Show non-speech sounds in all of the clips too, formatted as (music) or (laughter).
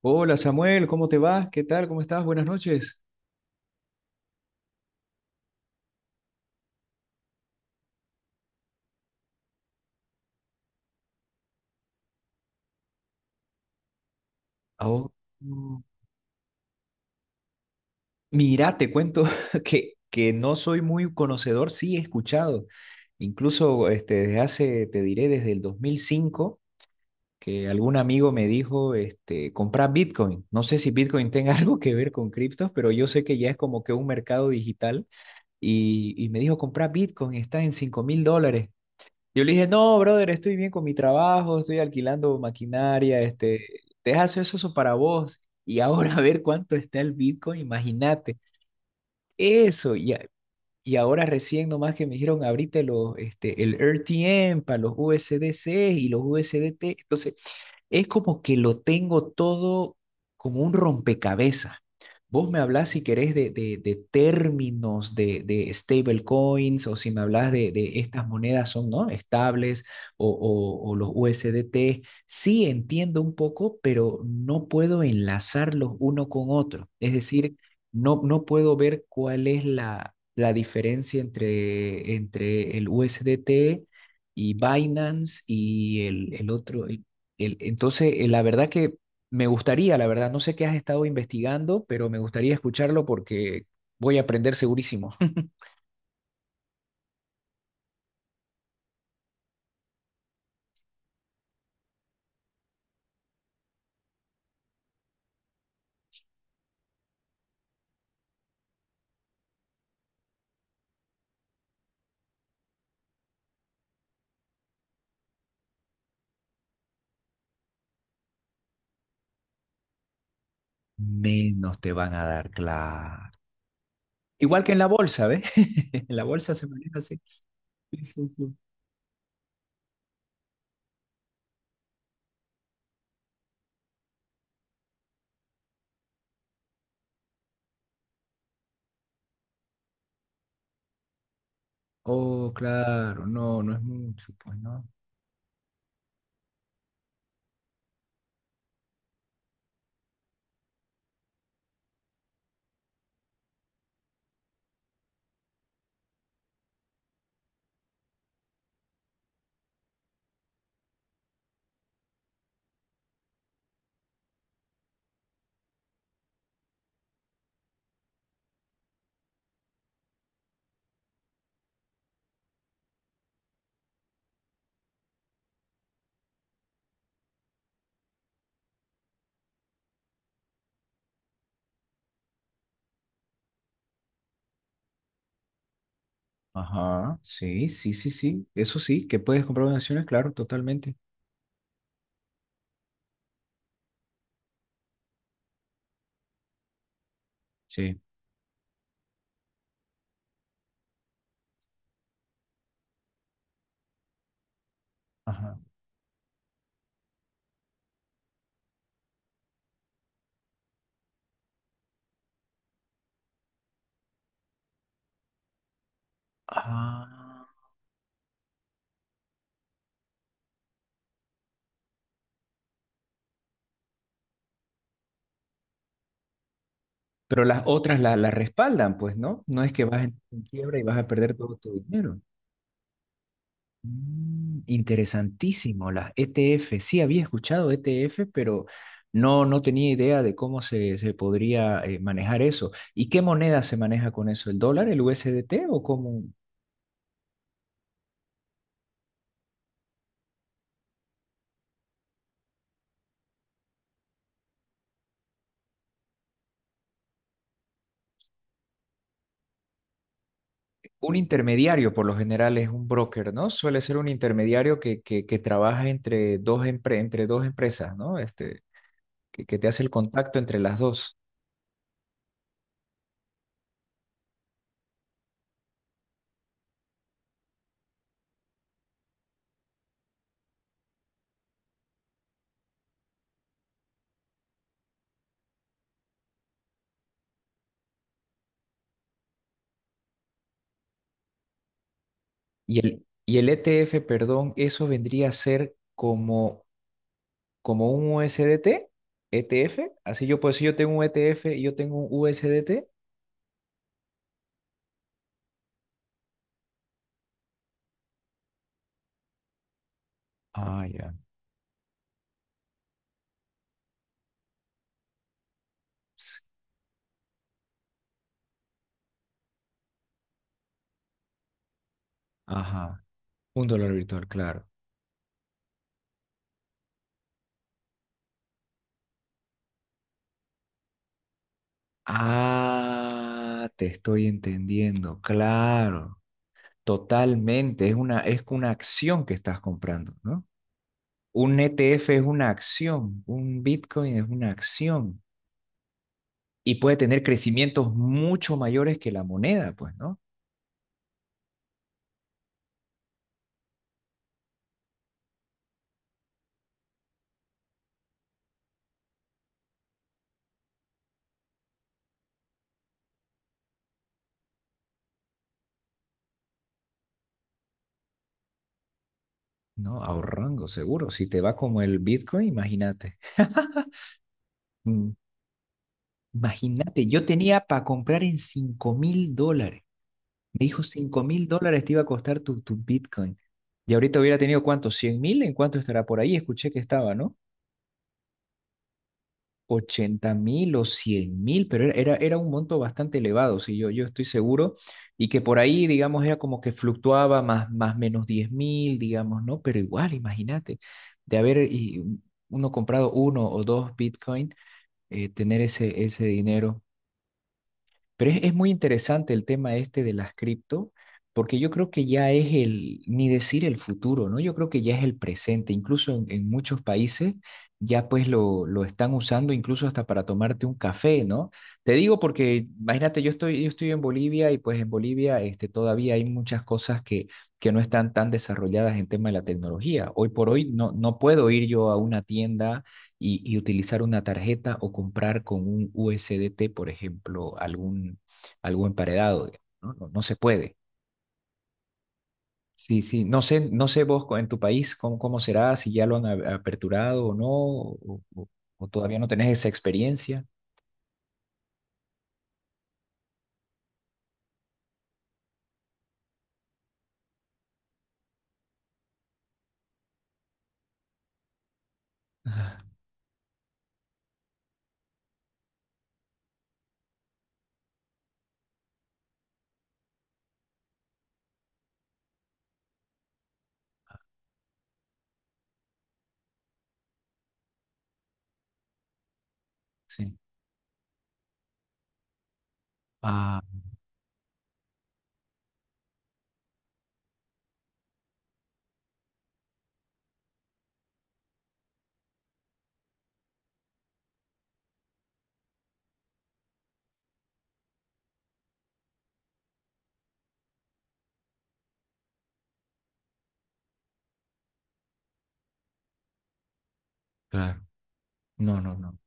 Hola Samuel, ¿cómo te vas? ¿Qué tal? ¿Cómo estás? Buenas noches. Oh, mm, mira, te cuento (laughs) que no soy muy conocedor, sí he escuchado. Incluso desde hace, te diré, desde el 2005, que algún amigo me dijo, comprar Bitcoin. No sé si Bitcoin tenga (laughs) algo que ver con criptos, pero yo sé que ya es como que un mercado digital. Y me dijo, comprar Bitcoin, está en $5.000. Yo le dije, no, brother, estoy bien con mi trabajo, estoy alquilando maquinaria, deja eso, eso para vos. Y ahora (laughs) a ver cuánto está el Bitcoin, imagínate. Eso, ya, y ahora recién nomás que me dijeron, abrite los, el RTM para los USDC y los USDT. Entonces, es como que lo tengo todo como un rompecabezas. Vos me hablás si querés de términos de stablecoins, o si me hablas de estas monedas son ¿no? estables, o los USDT. Sí entiendo un poco, pero no puedo enlazarlos uno con otro. Es decir, no, no puedo ver cuál es la diferencia entre el USDT y Binance y el otro. Entonces, la verdad que me gustaría, la verdad, no sé qué has estado investigando, pero me gustaría escucharlo porque voy a aprender segurísimo. (laughs) Menos te van a dar, claro. Igual que en la bolsa, ¿ves? (laughs) En la bolsa se maneja así. Sí, sí, sí. Oh, claro, no, no es mucho, pues no. Ajá, sí, sí, sí, sí, eso sí, que puedes comprar donaciones, claro, totalmente. Sí. Ajá. Ah, pero las otras la respaldan, pues, ¿no? No es que vas en quiebra y vas a perder todo tu dinero. Interesantísimo, las ETF. Sí, había escuchado ETF, pero no, no tenía idea de cómo se podría manejar eso. ¿Y qué moneda se maneja con eso? ¿El dólar, el U S D T o como un intermediario? Por lo general es un broker, ¿no? Suele ser un intermediario que trabaja entre dos, entre dos empresas, ¿no? Que te hace el contacto entre las dos. Y el ETF, perdón, eso vendría a ser como, un USDT, ETF. Así yo, pues si yo tengo un ETF y yo tengo un USDT. Ah, ya. s- Ajá. Un dólar virtual, claro. Ah, te estoy entendiendo, claro. Totalmente. Es una acción que estás comprando, ¿no? Un ETF es una acción, un Bitcoin es una acción y puede tener crecimientos mucho mayores que la moneda, pues, ¿no? No, ahorrando, seguro. Si te va como el Bitcoin, imagínate. (laughs) Mm, Imagínate, yo tenía para comprar en $5.000. Me dijo 5 mil dólares te iba a costar tu Bitcoin. Y ahorita hubiera tenido cuánto, 100.000, ¿en cuánto estará por ahí? Escuché que estaba, ¿no? 80.000 o 100.000, pero era un monto bastante elevado, sí, yo estoy seguro, y que por ahí, digamos, era como que fluctuaba más menos 10.000, digamos, ¿no? Pero igual, imagínate, de haber uno comprado uno o dos Bitcoin, tener ese dinero, pero es muy interesante el tema este de las cripto, porque yo creo que ya es ni decir el futuro, ¿no? Yo creo que ya es el presente. Incluso en muchos países ya pues lo están usando incluso hasta para tomarte un café, ¿no? Te digo porque, imagínate, yo estoy en Bolivia y pues en Bolivia todavía hay muchas cosas que no están tan desarrolladas en tema de la tecnología. Hoy por hoy no, no puedo ir yo a una tienda y utilizar una tarjeta o comprar con un USDT, por ejemplo, algo emparedado. ¿No? No, no se puede. Sí, sí. No sé, no sé vos en tu país cómo será, si ya lo han aperturado o no, o todavía no tenés esa experiencia. Ah, sí. Ah, claro. No, no, no.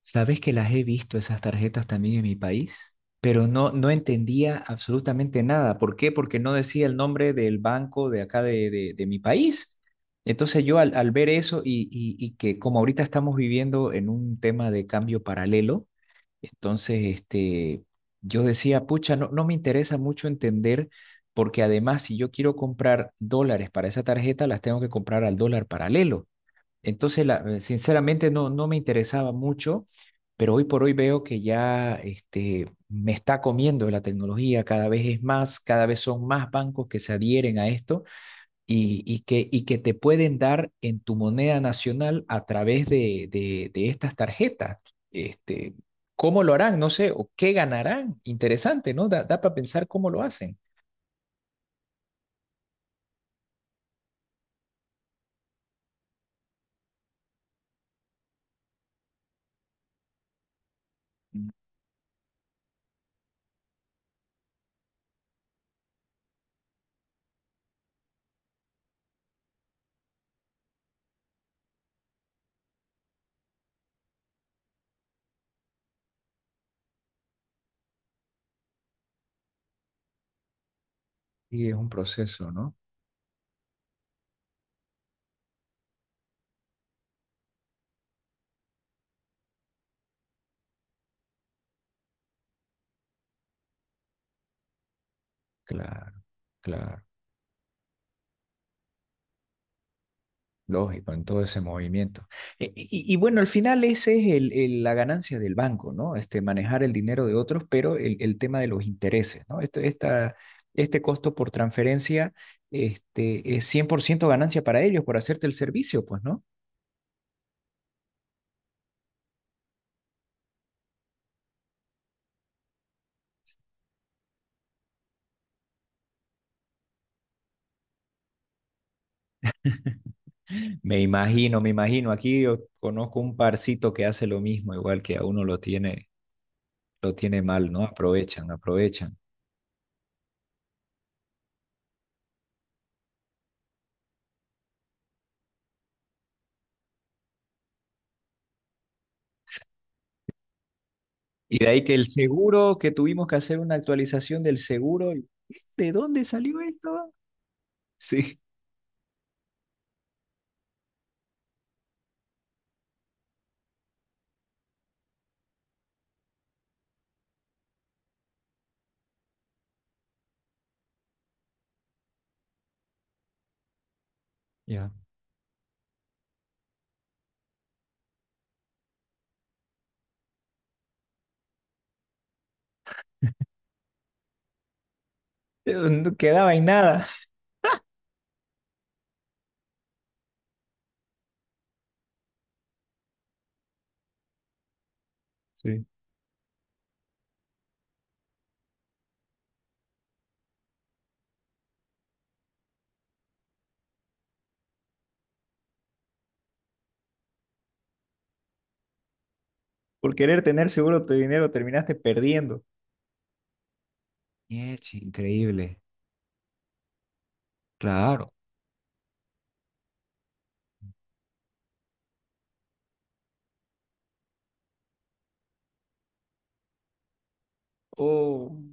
Sabes que las he visto esas tarjetas también en mi país, pero no, no entendía absolutamente nada. ¿Por qué? Porque no decía el nombre del banco de acá de mi país. Entonces yo al ver eso y que como ahorita estamos viviendo en un tema de cambio paralelo, entonces yo decía, pucha, no, no me interesa mucho entender porque además si yo quiero comprar dólares para esa tarjeta, las tengo que comprar al dólar paralelo. Entonces, sinceramente, no, no me interesaba mucho, pero hoy por hoy veo que ya me está comiendo la tecnología, cada vez es más, cada vez son más bancos que se adhieren a esto y que te pueden dar en tu moneda nacional a través de estas tarjetas. Este, ¿Cómo lo harán? No sé, o qué ganarán. Interesante, ¿no? Da para pensar cómo lo hacen. Y es un proceso, ¿no? Claro, claro. Lógico, en todo ese movimiento. Y bueno, al final esa es la ganancia del banco, ¿no? Manejar el dinero de otros, pero el tema de los intereses, ¿no? este esta, este Costo por transferencia, es 100% ganancia para ellos por hacerte el servicio, pues, ¿no? (laughs) Me imagino, me imagino. Aquí yo conozco un parcito que hace lo mismo, igual que a uno lo tiene mal, ¿no? Aprovechan, aprovechan. Y de ahí que el seguro, que tuvimos que hacer una actualización del seguro. ¿De dónde salió esto? (laughs) Sí, ya. No quedaba en nada. Sí. Por querer tener seguro tu dinero terminaste perdiendo. Es increíble. Claro. Oh.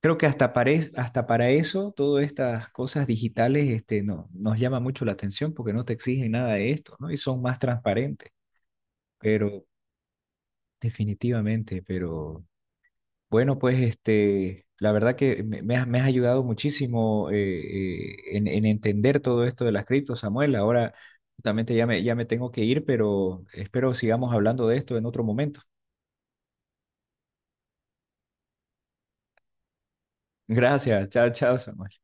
Creo que hasta para, hasta para eso, todas estas cosas digitales, no, nos llama mucho la atención porque no te exigen nada de esto, ¿no? Y son más transparentes. Pero definitivamente, pero bueno, pues la verdad que me has ayudado muchísimo en entender todo esto de las criptos, Samuel. Ahora justamente ya me tengo que ir, pero espero sigamos hablando de esto en otro momento. (laughs) Gracias. Chao, chao, Samuel.